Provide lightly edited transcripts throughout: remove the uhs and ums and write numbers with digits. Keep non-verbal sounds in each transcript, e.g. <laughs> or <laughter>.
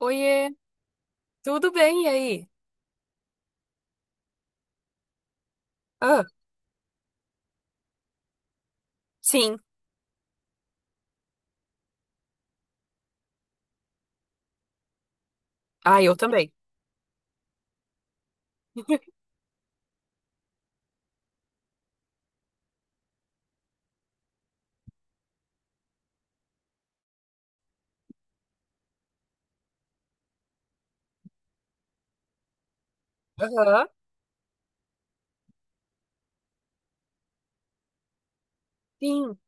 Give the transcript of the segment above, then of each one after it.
Oiê, tudo bem e aí? Ah, sim. Ah, eu também. Aham. <laughs> Sim,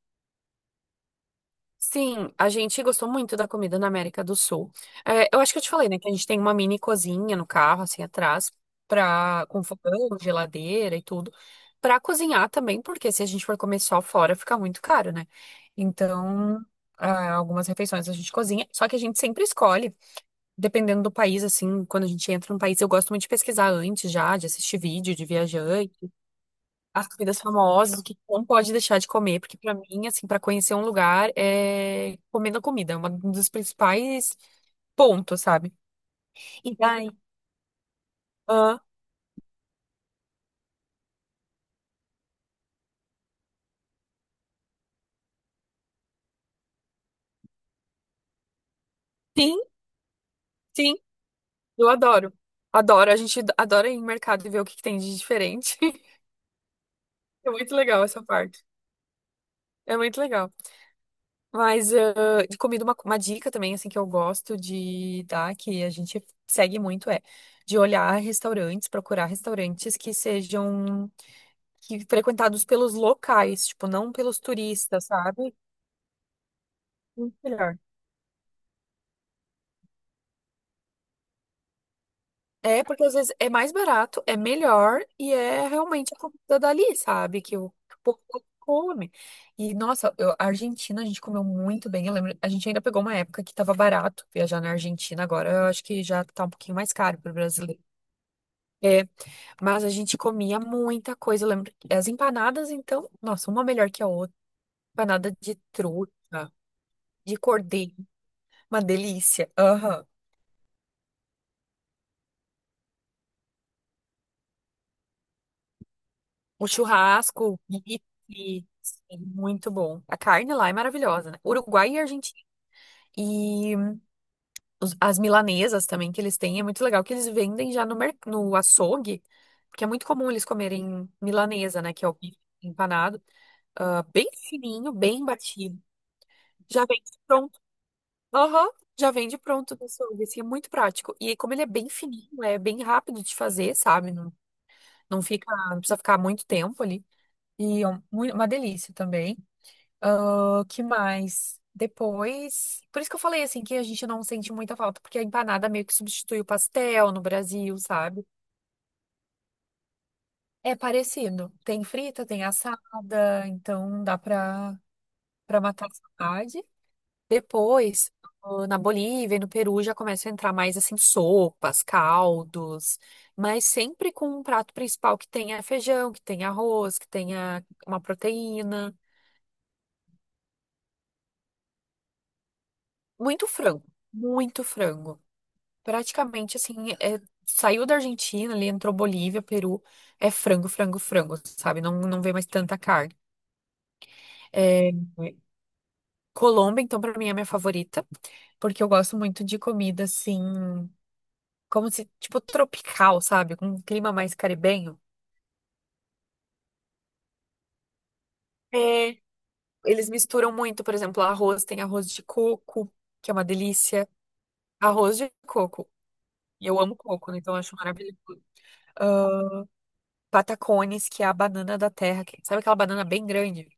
sim. A gente gostou muito da comida na América do Sul. É, eu acho que eu te falei, né, que a gente tem uma mini cozinha no carro, assim, atrás, pra, com fogão, geladeira e tudo, pra cozinhar também, porque se a gente for comer só fora, fica muito caro, né? Então, ah, algumas refeições a gente cozinha, só que a gente sempre escolhe, dependendo do país, assim, quando a gente entra num país, eu gosto muito de pesquisar antes já, de assistir vídeo de viajante. As comidas famosas, o que não pode deixar de comer, porque pra mim, assim, pra conhecer um lugar é comendo a comida, é um dos principais pontos, sabe? E daí, ah, sim, sim, eu adoro. Adoro, a gente adora ir em mercado e ver o que que tem de diferente. <laughs> É muito legal essa parte. É muito legal. Mas ah, de comida, uma dica também, assim, que eu gosto de dar, que a gente segue muito, é de olhar restaurantes, procurar restaurantes que sejam que frequentados pelos locais, tipo, não pelos turistas, sabe? Muito melhor. É, porque às vezes é mais barato, é melhor e é realmente a comida dali, sabe? Que o povo come. E, nossa, a Argentina a gente comeu muito bem. Eu lembro, a gente ainda pegou uma época que tava barato viajar na Argentina. Agora eu acho que já tá um pouquinho mais caro pro brasileiro. É, mas a gente comia muita coisa. Eu lembro que as empanadas, então, nossa, uma melhor que a outra. Empanada de truta, de cordeiro, uma delícia. Aham. O churrasco, bife, sim, muito bom. A carne lá é maravilhosa, né? Uruguai e Argentina. E os- as milanesas também que eles têm, é muito legal que eles vendem já no, no açougue, porque é muito comum eles comerem milanesa, né? Que é o bife empanado, ah, bem fininho, bem batido. Já vende pronto. Aham, já vem de pronto do açougue, assim, é muito prático. E como ele é bem fininho, é bem rápido de fazer, sabe? Não, não fica, não precisa ficar muito tempo ali. E uma delícia também. Ah, que mais? Depois. Por isso que eu falei assim que a gente não sente muita falta, porque a empanada meio que substitui o pastel no Brasil, sabe? É parecido. Tem frita, tem assada, então dá pra, pra matar a saudade. Depois, ah, na Bolívia e no Peru já começa a entrar mais assim sopas, caldos, mas sempre com um prato principal que tenha feijão, que tenha arroz, que tenha uma proteína. Muito frango, muito frango. Praticamente assim, saiu da Argentina, ali entrou Bolívia, Peru, é frango, frango, frango, sabe? Não, não vê mais tanta carne. É, Colômbia, então, pra mim é a minha favorita, porque eu gosto muito de comida assim, como se, tipo, tropical, sabe? Com um clima mais caribenho. É, eles misturam muito, por exemplo, arroz, tem arroz de coco, que é uma delícia. Arroz de coco. E eu amo coco, né? Então eu acho maravilhoso. Patacones, que é a banana da terra, sabe aquela banana bem grande?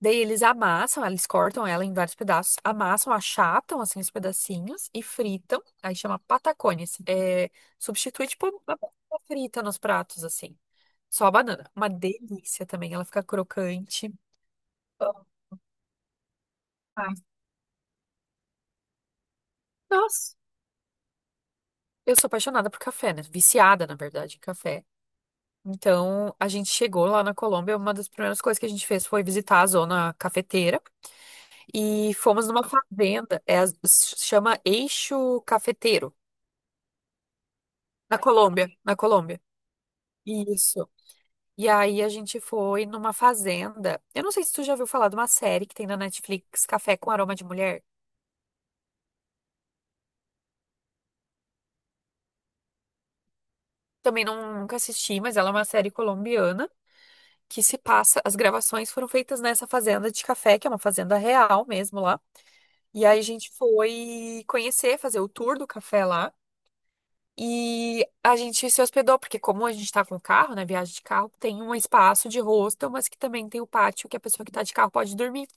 Daí eles amassam, eles cortam ela em vários pedaços, amassam, achatam assim os pedacinhos e fritam. Aí chama patacones. É, substitui tipo a batata frita nos pratos assim. Só a banana. Uma delícia também, ela fica crocante. Ai, nossa, eu sou apaixonada por café, né? Viciada, na verdade, em café. Então, a gente chegou lá na Colômbia, uma das primeiras coisas que a gente fez foi visitar a zona cafeteira e fomos numa fazenda, é, chama Eixo Cafeteiro. Na Colômbia, na Colômbia. Isso. E aí a gente foi numa fazenda. Eu não sei se tu já ouviu falar de uma série que tem na Netflix, Café com Aroma de Mulher. Também não, nunca assisti, mas ela é uma série colombiana que se passa. As gravações foram feitas nessa fazenda de café, que é uma fazenda real mesmo lá. E aí a gente foi conhecer, fazer o tour do café lá. E a gente se hospedou, porque como a gente tá com carro, né, viagem de carro, tem um espaço de hostel, mas que também tem o pátio que a pessoa que tá de carro pode dormir.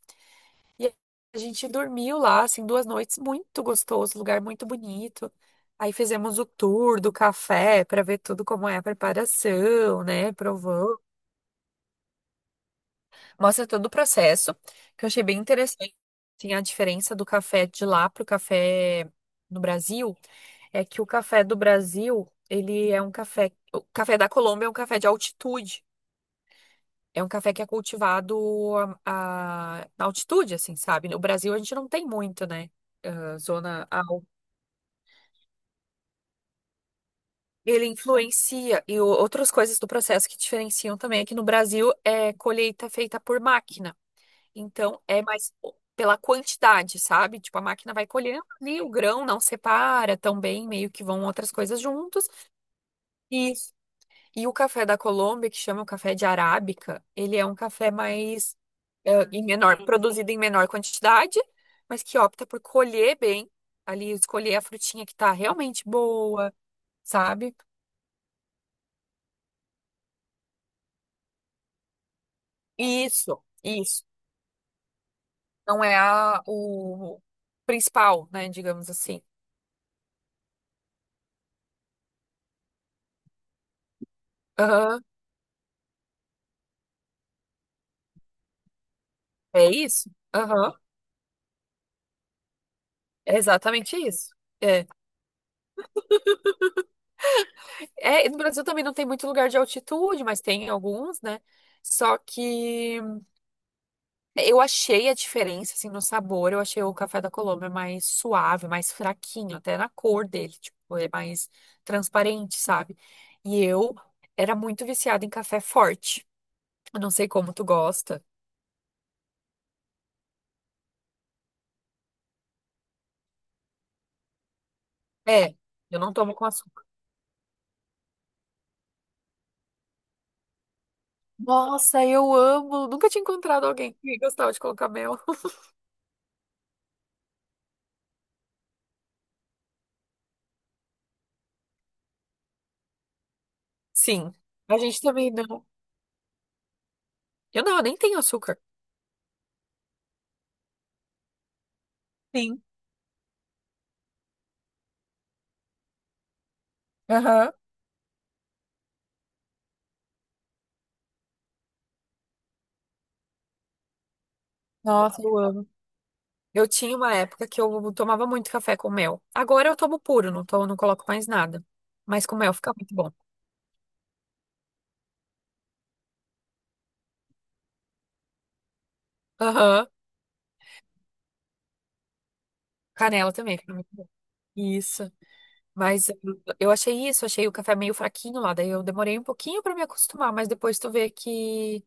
E a gente dormiu lá, assim, 2 noites, muito gostoso, lugar muito bonito. Aí fizemos o tour do café para ver tudo como é a preparação, né? Provou. Mostra todo o processo, que eu achei bem interessante. Assim, a diferença do café de lá pro café no Brasil é que o café do Brasil, ele é um café. O café da Colômbia é um café de altitude. É um café que é cultivado na altitude, assim, sabe? No Brasil a gente não tem muito, né? Ah, zona. Ele influencia e outras coisas do processo que diferenciam também aqui no Brasil é colheita feita por máquina. Então é mais pela quantidade, sabe? Tipo, a máquina vai colhendo ali, o grão não separa também, meio que vão outras coisas juntos. Isso. E o café da Colômbia, que chama o café de arábica, ele é um café mais é, em menor, produzido em menor quantidade, mas que opta por colher bem, ali escolher a frutinha que tá realmente boa, sabe? Isso, isso. Não é a, o principal, né? Digamos assim. Aham. É isso? Aham. É exatamente isso. É. É, e no Brasil também não tem muito lugar de altitude, mas tem alguns, né? Só que eu achei a diferença, assim, no sabor. Eu achei o café da Colômbia mais suave, mais fraquinho, até na cor dele, tipo, é mais transparente, sabe? E eu era muito viciada em café forte. Eu não sei como tu gosta. É, eu não tomo com açúcar. Nossa, eu amo. Nunca tinha encontrado alguém que gostava de colocar mel. Sim, a gente também não. Eu não, eu nem tenho açúcar. Sim. Aham. Nossa, eu amo. Eu tinha uma época que eu tomava muito café com mel. Agora eu tomo puro, não tomo, não coloco mais nada. Mas com mel fica muito bom. Aham. Canela também fica muito bom. Isso. Mas eu achei isso, achei o café meio fraquinho lá, daí eu demorei um pouquinho pra me acostumar, mas depois tu vê que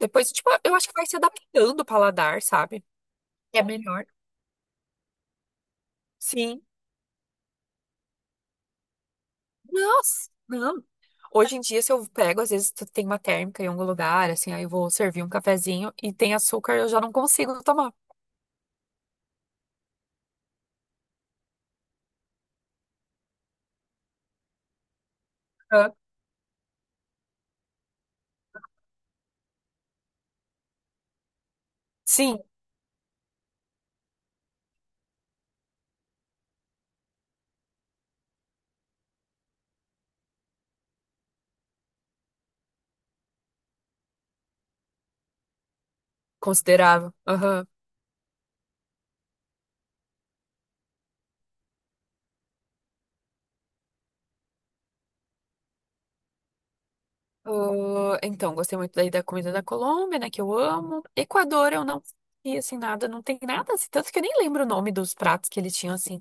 depois tipo, eu acho que vai se adaptando o paladar, sabe? É melhor. Sim, nossa, não. Hoje em dia, se eu pego, às vezes tu tem uma térmica em algum lugar, assim, aí eu vou servir um cafezinho e tem açúcar, eu já não consigo tomar. Hã? Sim, considerável. Aham. Ah, então, gostei muito daí da comida da Colômbia, né, que eu amo. Equador, eu não e assim nada, não tem nada, assim, tanto que eu nem lembro o nome dos pratos que eles tinham assim,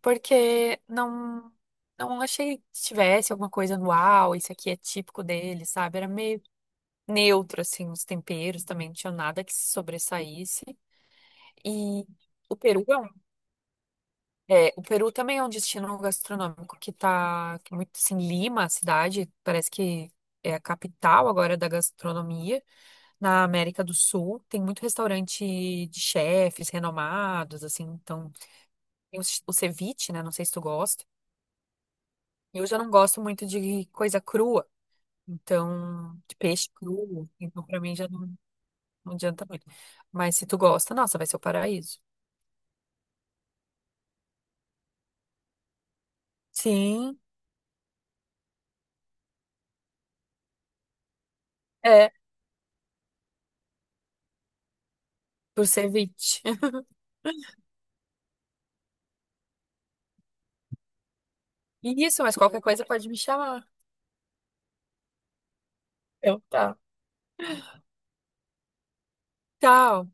porque não não achei que tivesse alguma coisa no uau, isso aqui é típico deles, sabe? Era meio neutro, assim, os temperos também não tinham nada que se sobressaísse. E o Peru é, um, é, o Peru também é um destino gastronômico que tá que é muito assim, Lima, a cidade, parece que é a capital agora da gastronomia na América do Sul. Tem muito restaurante de chefes renomados, assim, então tem o ceviche, né? Não sei se tu gosta. Eu já não gosto muito de coisa crua, então, de peixe cru, então pra mim já não Não adianta muito. Mas se tu gosta, nossa, vai ser o paraíso. Sim, é, por ceviche. <laughs> Isso, mas qualquer coisa pode me chamar. Então tá. Tchau.